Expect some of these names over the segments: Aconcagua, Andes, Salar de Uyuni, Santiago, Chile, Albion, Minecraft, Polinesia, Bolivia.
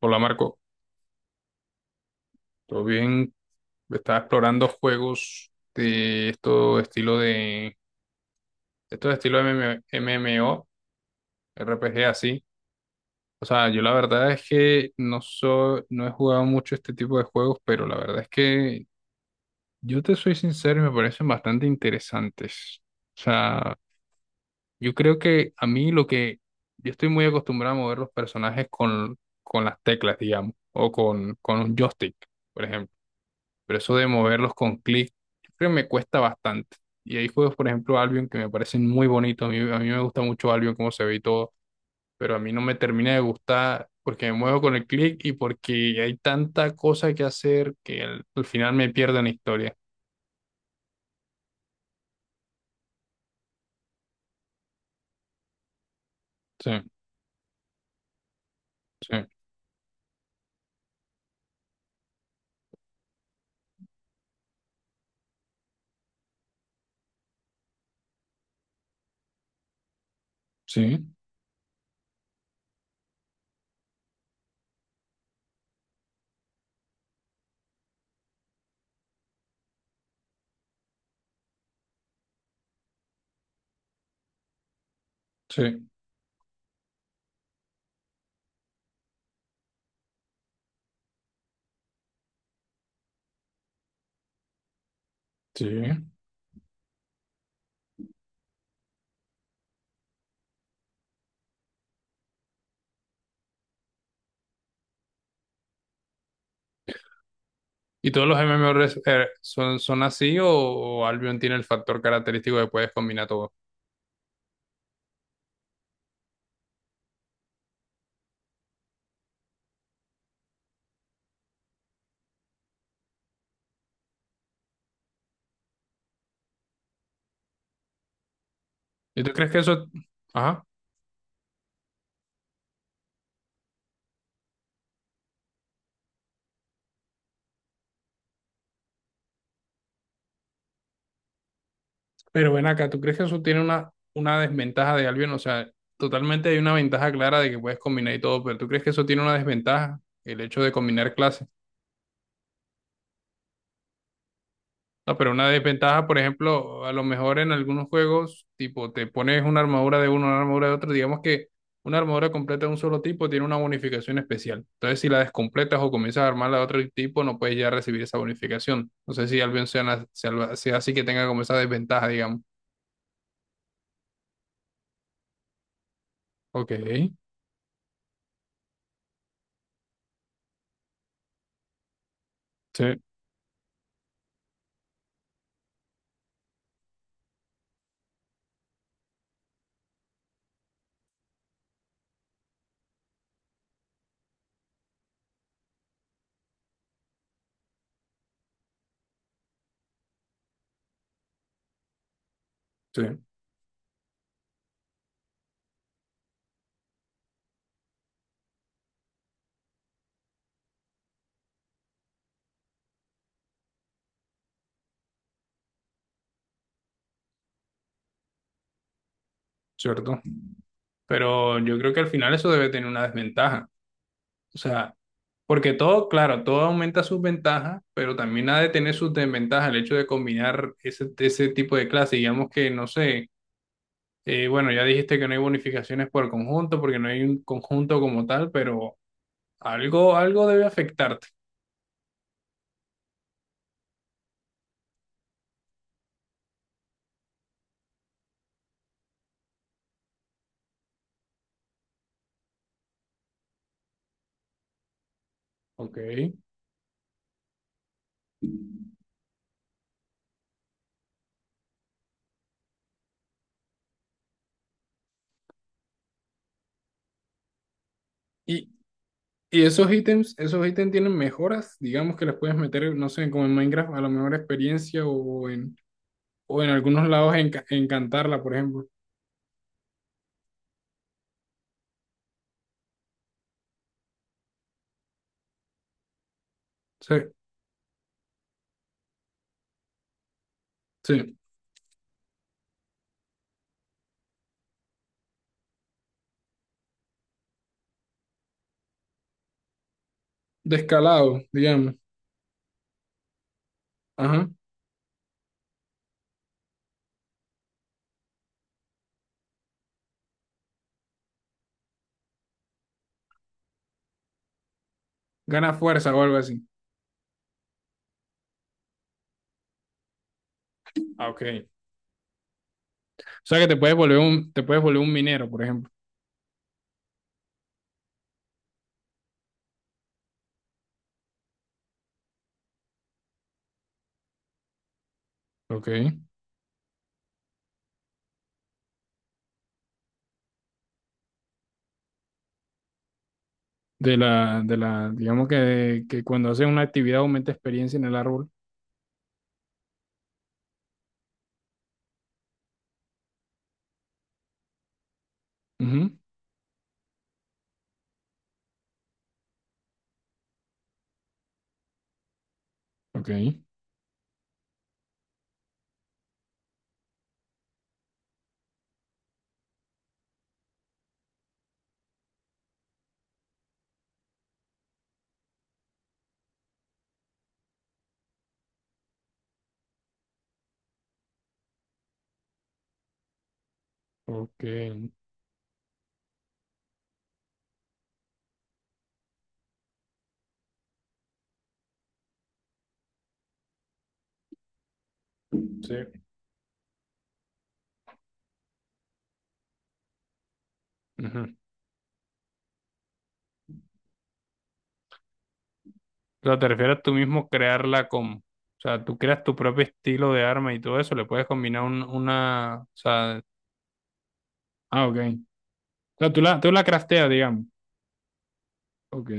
Hola Marco, ¿todo bien? Estaba explorando juegos de esto estilo de esto estilo... MMORPG así. O sea, yo la verdad es que no he jugado mucho este tipo de juegos, pero la verdad es que yo te soy sincero y me parecen bastante interesantes. O sea, yo creo que a mí lo que yo estoy muy acostumbrado a mover los personajes con las teclas, digamos, o con un joystick, por ejemplo. Pero eso de moverlos con clic, yo creo que me cuesta bastante. Y hay juegos, por ejemplo, Albion, que me parecen muy bonitos. A mí me gusta mucho Albion, cómo se ve y todo. Pero a mí no me termina de gustar porque me muevo con el clic y porque hay tanta cosa que hacer que al final me pierdo en la historia. Sí, sí, sí, sí, sí. ¿Y todos los MMORPG son, son así o Albion tiene el factor característico de puedes combinar todo? ¿Y tú crees que eso... Ajá. Pero ven acá, ¿tú crees que eso tiene una desventaja de Albion? O sea, totalmente hay una ventaja clara de que puedes combinar y todo, pero ¿tú crees que eso tiene una desventaja? El hecho de combinar clases. No, pero una desventaja, por ejemplo, a lo mejor en algunos juegos, tipo, te pones una armadura de uno, una armadura de otro, digamos que una armadura completa de un solo tipo tiene una bonificación especial. Entonces, si la descompletas o comienzas a armarla de otro tipo, no puedes ya recibir esa bonificación. No sé si Albion sea así que tenga como esa desventaja, digamos. Ok, sí, sí, cierto. Pero yo creo que al final eso debe tener una desventaja. O sea, porque todo, claro, todo aumenta sus ventajas, pero también ha de tener sus desventajas el hecho de combinar ese tipo de clases. Digamos que, no sé, bueno, ya dijiste que no hay bonificaciones por conjunto, porque no hay un conjunto como tal, pero algo, algo debe afectarte. Ok. Y, y esos ítems tienen mejoras, digamos que las puedes meter, no sé, como en Minecraft, a la mejor experiencia o en algunos lados en Cantarla, por ejemplo. Sí. Sí, descalado, digamos. Ajá. Gana fuerza o algo así. Ah, ok. O sea que te puedes volver un minero, por ejemplo. Ok. Digamos que cuando haces una actividad aumenta experiencia en el árbol. Ujú. Ok. Ok. Sí. Ujú. O sea, te refieres a tú mismo crearla como. O sea, tú creas tu propio estilo de arma y todo eso, le puedes combinar un- una. O sea. Ah, ok. O sea, tú la crafteas, digamos. Ok.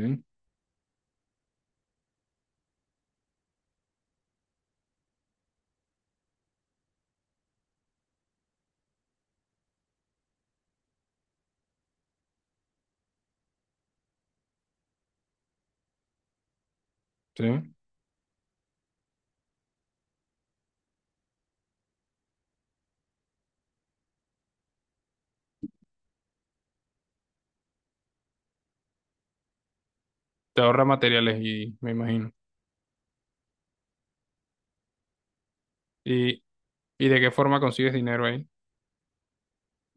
Sí. Te ahorra materiales y me imagino. ¿Y, y de qué forma consigues dinero ahí?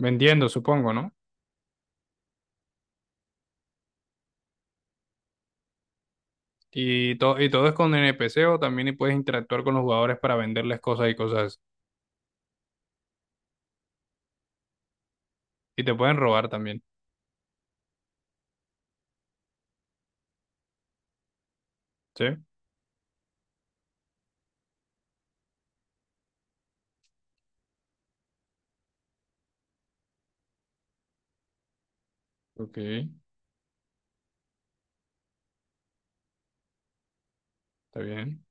Vendiendo, supongo, ¿no? Y todo es con NPC o también y puedes interactuar con los jugadores para venderles cosas y cosas así. Y te pueden robar también. ¿Sí? Ok, está bien.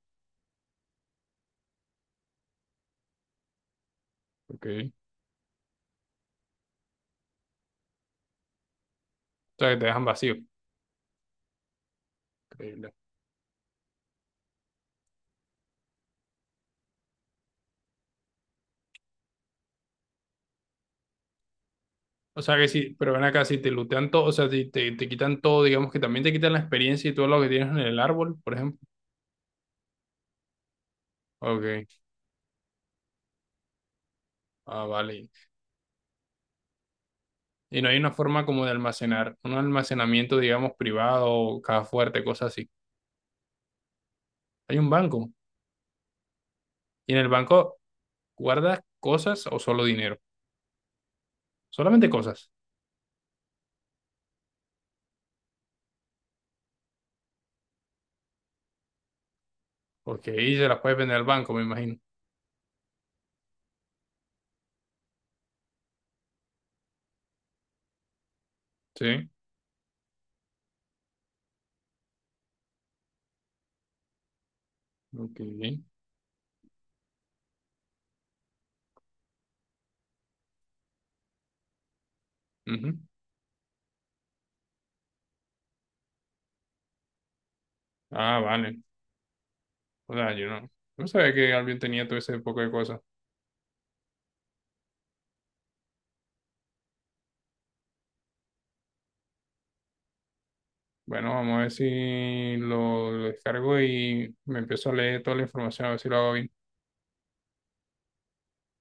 Ok. O sea, que te dejan vacío. Increíble. O sea que sí, pero ven acá, si te lootean todo, o sea, si te, te quitan todo, digamos que también te quitan la experiencia y todo lo que tienes en el árbol, por ejemplo. Ok, ah, vale. Y no hay una forma como de almacenar, un almacenamiento, digamos, privado, caja fuerte, cosas así. Hay un banco. Y en el banco, ¿guardas cosas o solo dinero? Solamente cosas, porque ahí se las puedes vender al banco, me imagino. Sí, ok, ujú. Ah, vale. O sea, yo no, no sabía que alguien tenía todo ese poco de cosas. Bueno, vamos a ver si lo descargo y me empiezo a leer toda la información, a ver si lo hago bien.